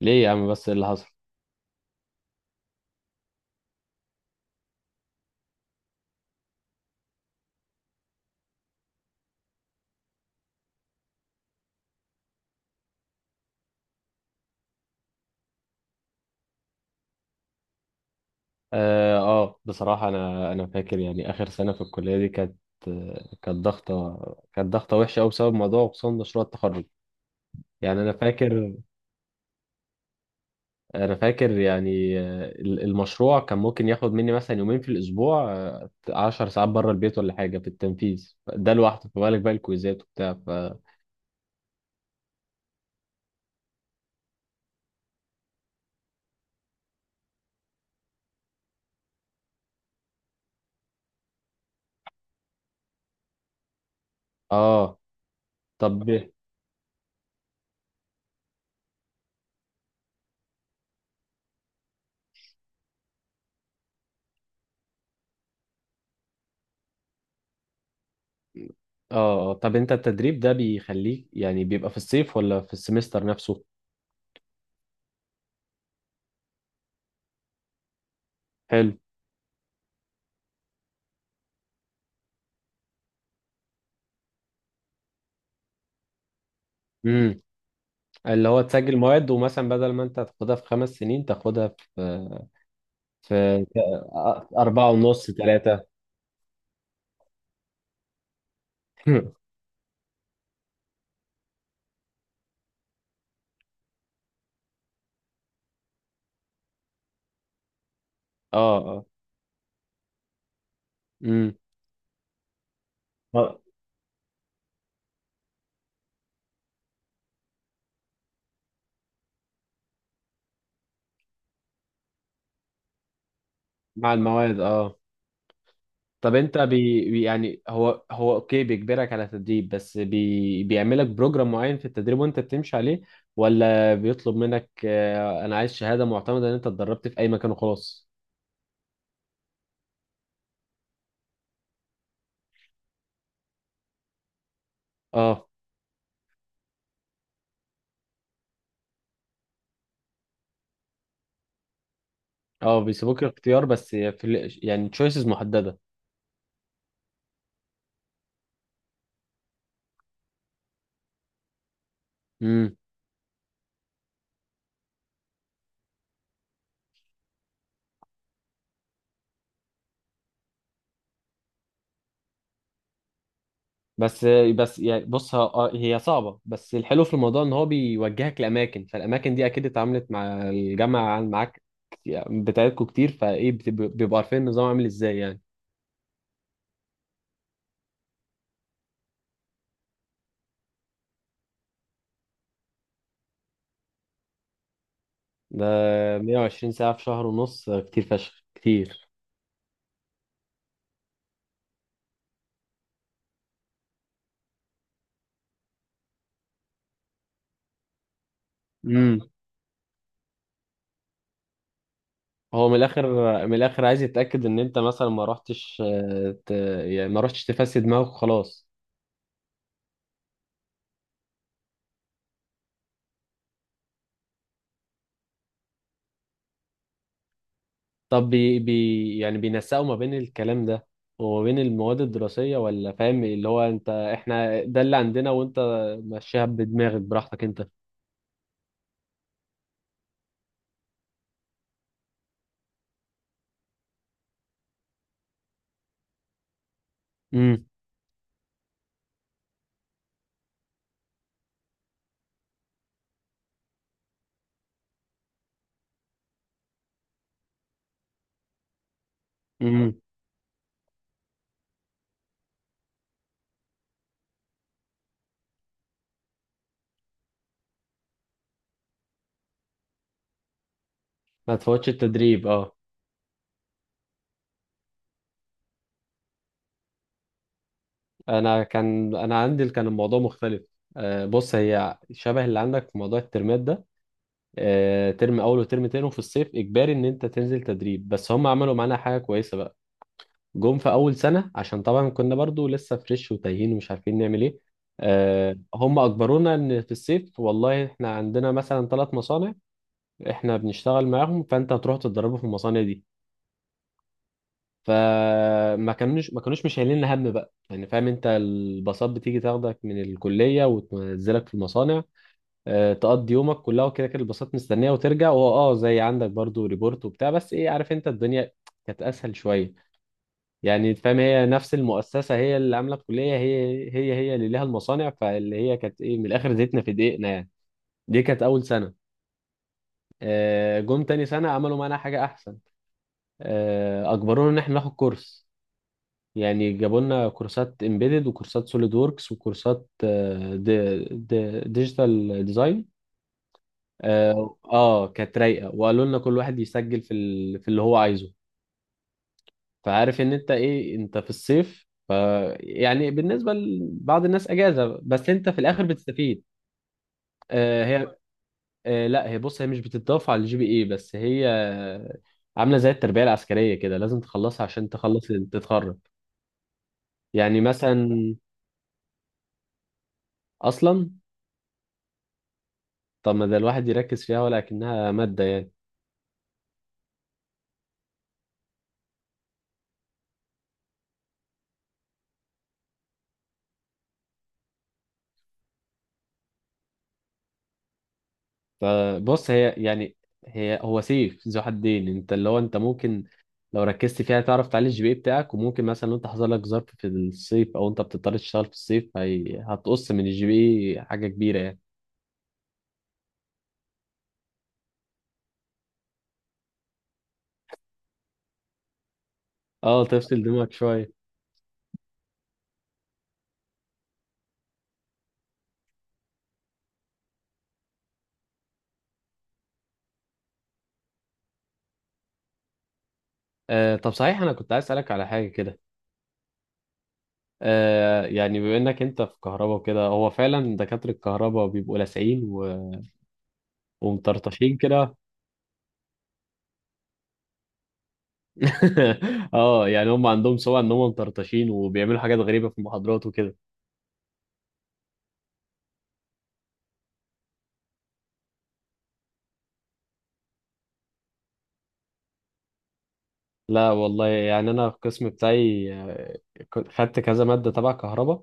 ليه يا عم بس إيه اللي حصل؟ بصراحة، انا فاكر يعني اخر سنة في الكلية دي كانت، كانت ضغطة وحشة قوي بسبب موضوع خصوصا مشروع التخرج. يعني انا فاكر، المشروع كان ممكن ياخد مني مثلا يومين في الاسبوع، 10 ساعات بره البيت ولا حاجة في التنفيذ، ده لوحده، في بالك بقى الكويزات وبتاع ف. اه، طب. طب، انت التدريب ده بيخليك يعني بيبقى في الصيف ولا في السمستر نفسه؟ حلو، اللي هو تسجل مواد، ومثلا بدل ما انت تاخدها في 5 سنين تاخدها في في أربعة ونص، ثلاثة. اه، اه. امم. مع المواد، اه. طب انت يعني هو اوكي، بيجبرك على تدريب، بس بيعملك بروجرام معين في التدريب وانت بتمشي عليه، ولا بيطلب منك انا عايز شهادة معتمدة ان انت اتدربت في اي مكان وخلاص؟ اه، اه. بيسيبوك الاختيار، بس في يعني تشويسز محددة. بس بس يعني، بص، هي صعبة، بس الحلو في الموضوع ان هو بيوجهك لأماكن، فالأماكن دي أكيد اتعاملت مع الجامعة معاك، يعني بتاعتكوا كتير، فإيه بيبقوا عارفين النظام عامل إزاي يعني. ده 120 ساعة في شهر ونص كتير فشخ، كتير. امم. هو من الآخر، عايز يتأكد إن أنت مثلا ما رحتش، يعني ما رحتش تفسد دماغك خلاص. طب بي بي يعني بينسقوا ما بين الكلام ده وما بين المواد الدراسية، ولا فاهم اللي هو انت، احنا ده اللي عندنا وانت مشيها بدماغك براحتك انت؟ امم. امم. ما تفوتش التدريب، اه. انا كان، انا عندي كان الموضوع مختلف. بص، هي شبه اللي عندك في موضوع الترمات ده. ترم اول وترم تاني، وفي الصيف اجباري ان انت تنزل تدريب، بس هم عملوا معانا حاجة كويسة بقى. جم في اول سنه عشان طبعا كنا برضو لسه فريش وتايهين ومش عارفين نعمل ايه. هم اجبرونا ان في الصيف والله احنا عندنا مثلا ثلاث مصانع احنا بنشتغل معاهم، فانت هتروح تتدربوا في المصانع دي. فما كانوش مش شايلين هم بقى، يعني فاهم انت، الباصات بتيجي تاخدك من الكليه وتنزلك في المصانع، تقضي يومك كلها، وكده كده الباصات مستنيه وترجع، وهو زي عندك برضو ريبورت وبتاع، بس ايه، عارف انت، الدنيا كانت اسهل شويه. يعني فاهم، هي نفس المؤسسة، هي اللي عاملة الكلية، هي اللي ليها المصانع، فاللي هي كانت ايه، من الآخر زيتنا في دقيقنا يعني. دي كانت أول سنة. جم تاني سنة عملوا معانا حاجة أحسن. أجبرونا إن إحنا ناخد كورس. يعني جابوا لنا كورسات امبيدد وكورسات سوليد ووركس وكورسات آه، دي دي ديجيتال ديزاين. كانت رايقة، وقالوا لنا كل واحد يسجل في اللي هو عايزه، فعارف ان انت ايه، انت في الصيف ف. يعني بالنسبه لبعض الناس اجازه، بس انت في الاخر بتستفيد. هي. لا، هي، بص، هي مش بتتضاف على الجي بي اي، بس هي عامله زي التربيه العسكريه كده، لازم تخلصها عشان تخلص تتخرج. يعني مثلا اصلا، طب ما ده الواحد يركز فيها، ولكنها ماده يعني. فبص، هي هو سيف ذو حدين، انت اللي هو انت ممكن لو ركزت فيها تعرف تعلي الجي بي بتاعك، وممكن مثلا لو انت حصل لك ظرف في الصيف او انت بتضطر تشتغل في الصيف هي هتقص من الجي بي حاجة كبيرة يعني. اه، تفصل دماغك شوية. طب صحيح، انا كنت عايز اسألك على حاجة كده. يعني، بما انك انت في كهرباء وكده، هو فعلا دكاترة الكهرباء بيبقوا لاسعين و... ومطرطشين كده. اه، يعني هم عندهم سمعة ان هم مطرطشين وبيعملوا حاجات غريبة في المحاضرات وكده. لا والله، يعني انا القسم بتاعي كنت خدت كذا ماده تبع كهرباء،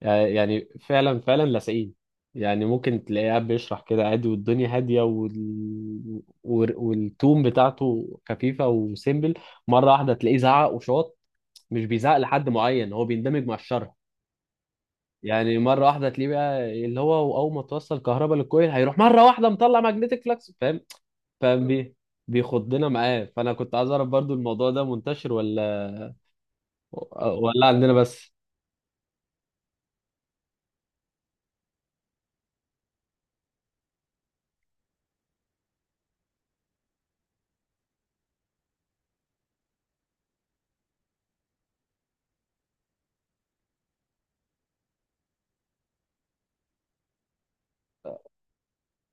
يعني فعلا فعلا لاصقين. يعني ممكن تلاقيه قاعد بيشرح كده عادي والدنيا هاديه والتون بتاعته خفيفه وسيمبل، مره واحده تلاقيه زعق وشاط، مش بيزعق لحد معين، هو بيندمج مع الشرح. يعني مره واحده تلاقيه بقى اللي هو اول ما توصل كهرباء للكويل هيروح مره واحده مطلع ماجنتيك فلكس، فاهم؟ فاهم بيه؟ بيخضنا معاه، فانا كنت عايز اعرف برضو الموضوع ده منتشر ولا ولا عندنا بس؟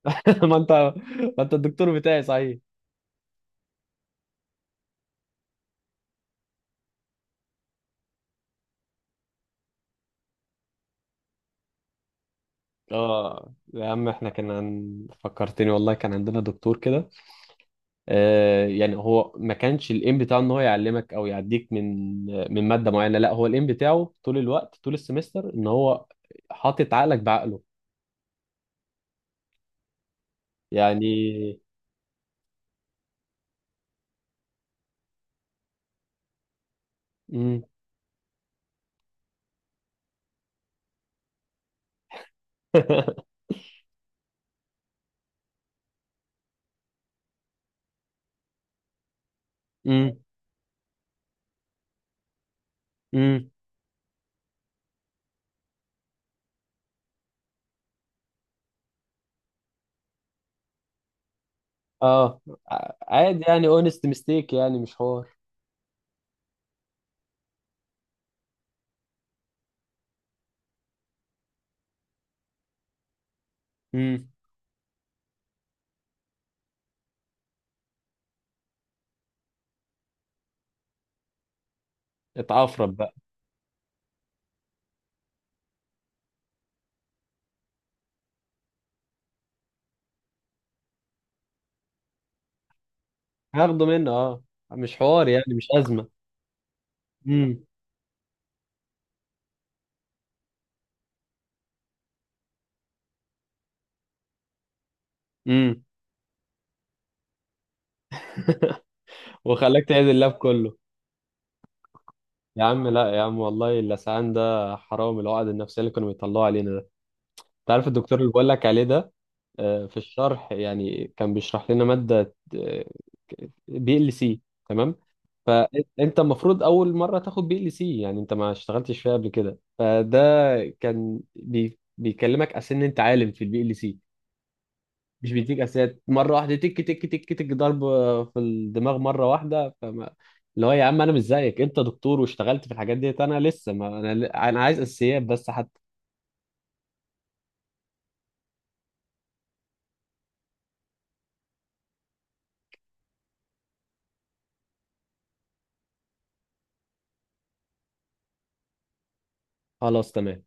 ما انت ما انت الدكتور بتاعي صحيح. اه يا عم، احنا كان عن... فكرتني والله، كان عندنا دكتور كده. يعني، هو ما كانش الايم بتاعه ان هو يعلمك او يعديك من ماده معينه، لا، هو الايم بتاعه طول الوقت، طول السمستر، ان هو حاطط عقلك بعقله يعني. امم. امم. امم. اه، عادي يعني، اونست ميستيك، يعني مش حوار. امم، اتعفرب بقى. هاخده منه، اه، مش حوار يعني، مش ازمه. امم. امم. وخلاك تعيد اللاب كله؟ يا عم، لا يا عم والله، اللسعان ده حرام، العقد النفسية اللي كانوا بيطلعوا علينا ده. انت عارف الدكتور اللي بقول لك عليه ده، في الشرح يعني كان بيشرح لنا مادة بي ال سي، تمام. فانت المفروض اول مرة تاخد بي ال سي، يعني انت ما اشتغلتش فيها قبل كده، فده كان بيكلمك عشان انت عالم في البي ال سي، مش بيديك اساسيات، مره واحده تك تك تك تك ضرب في الدماغ مره واحده، فما اللي هو يا عم، انا مش زيك، انت دكتور واشتغلت في الحاجات ديت، انا لسه، ما انا عايز اساسيات بس حتى. خلاص، تمام.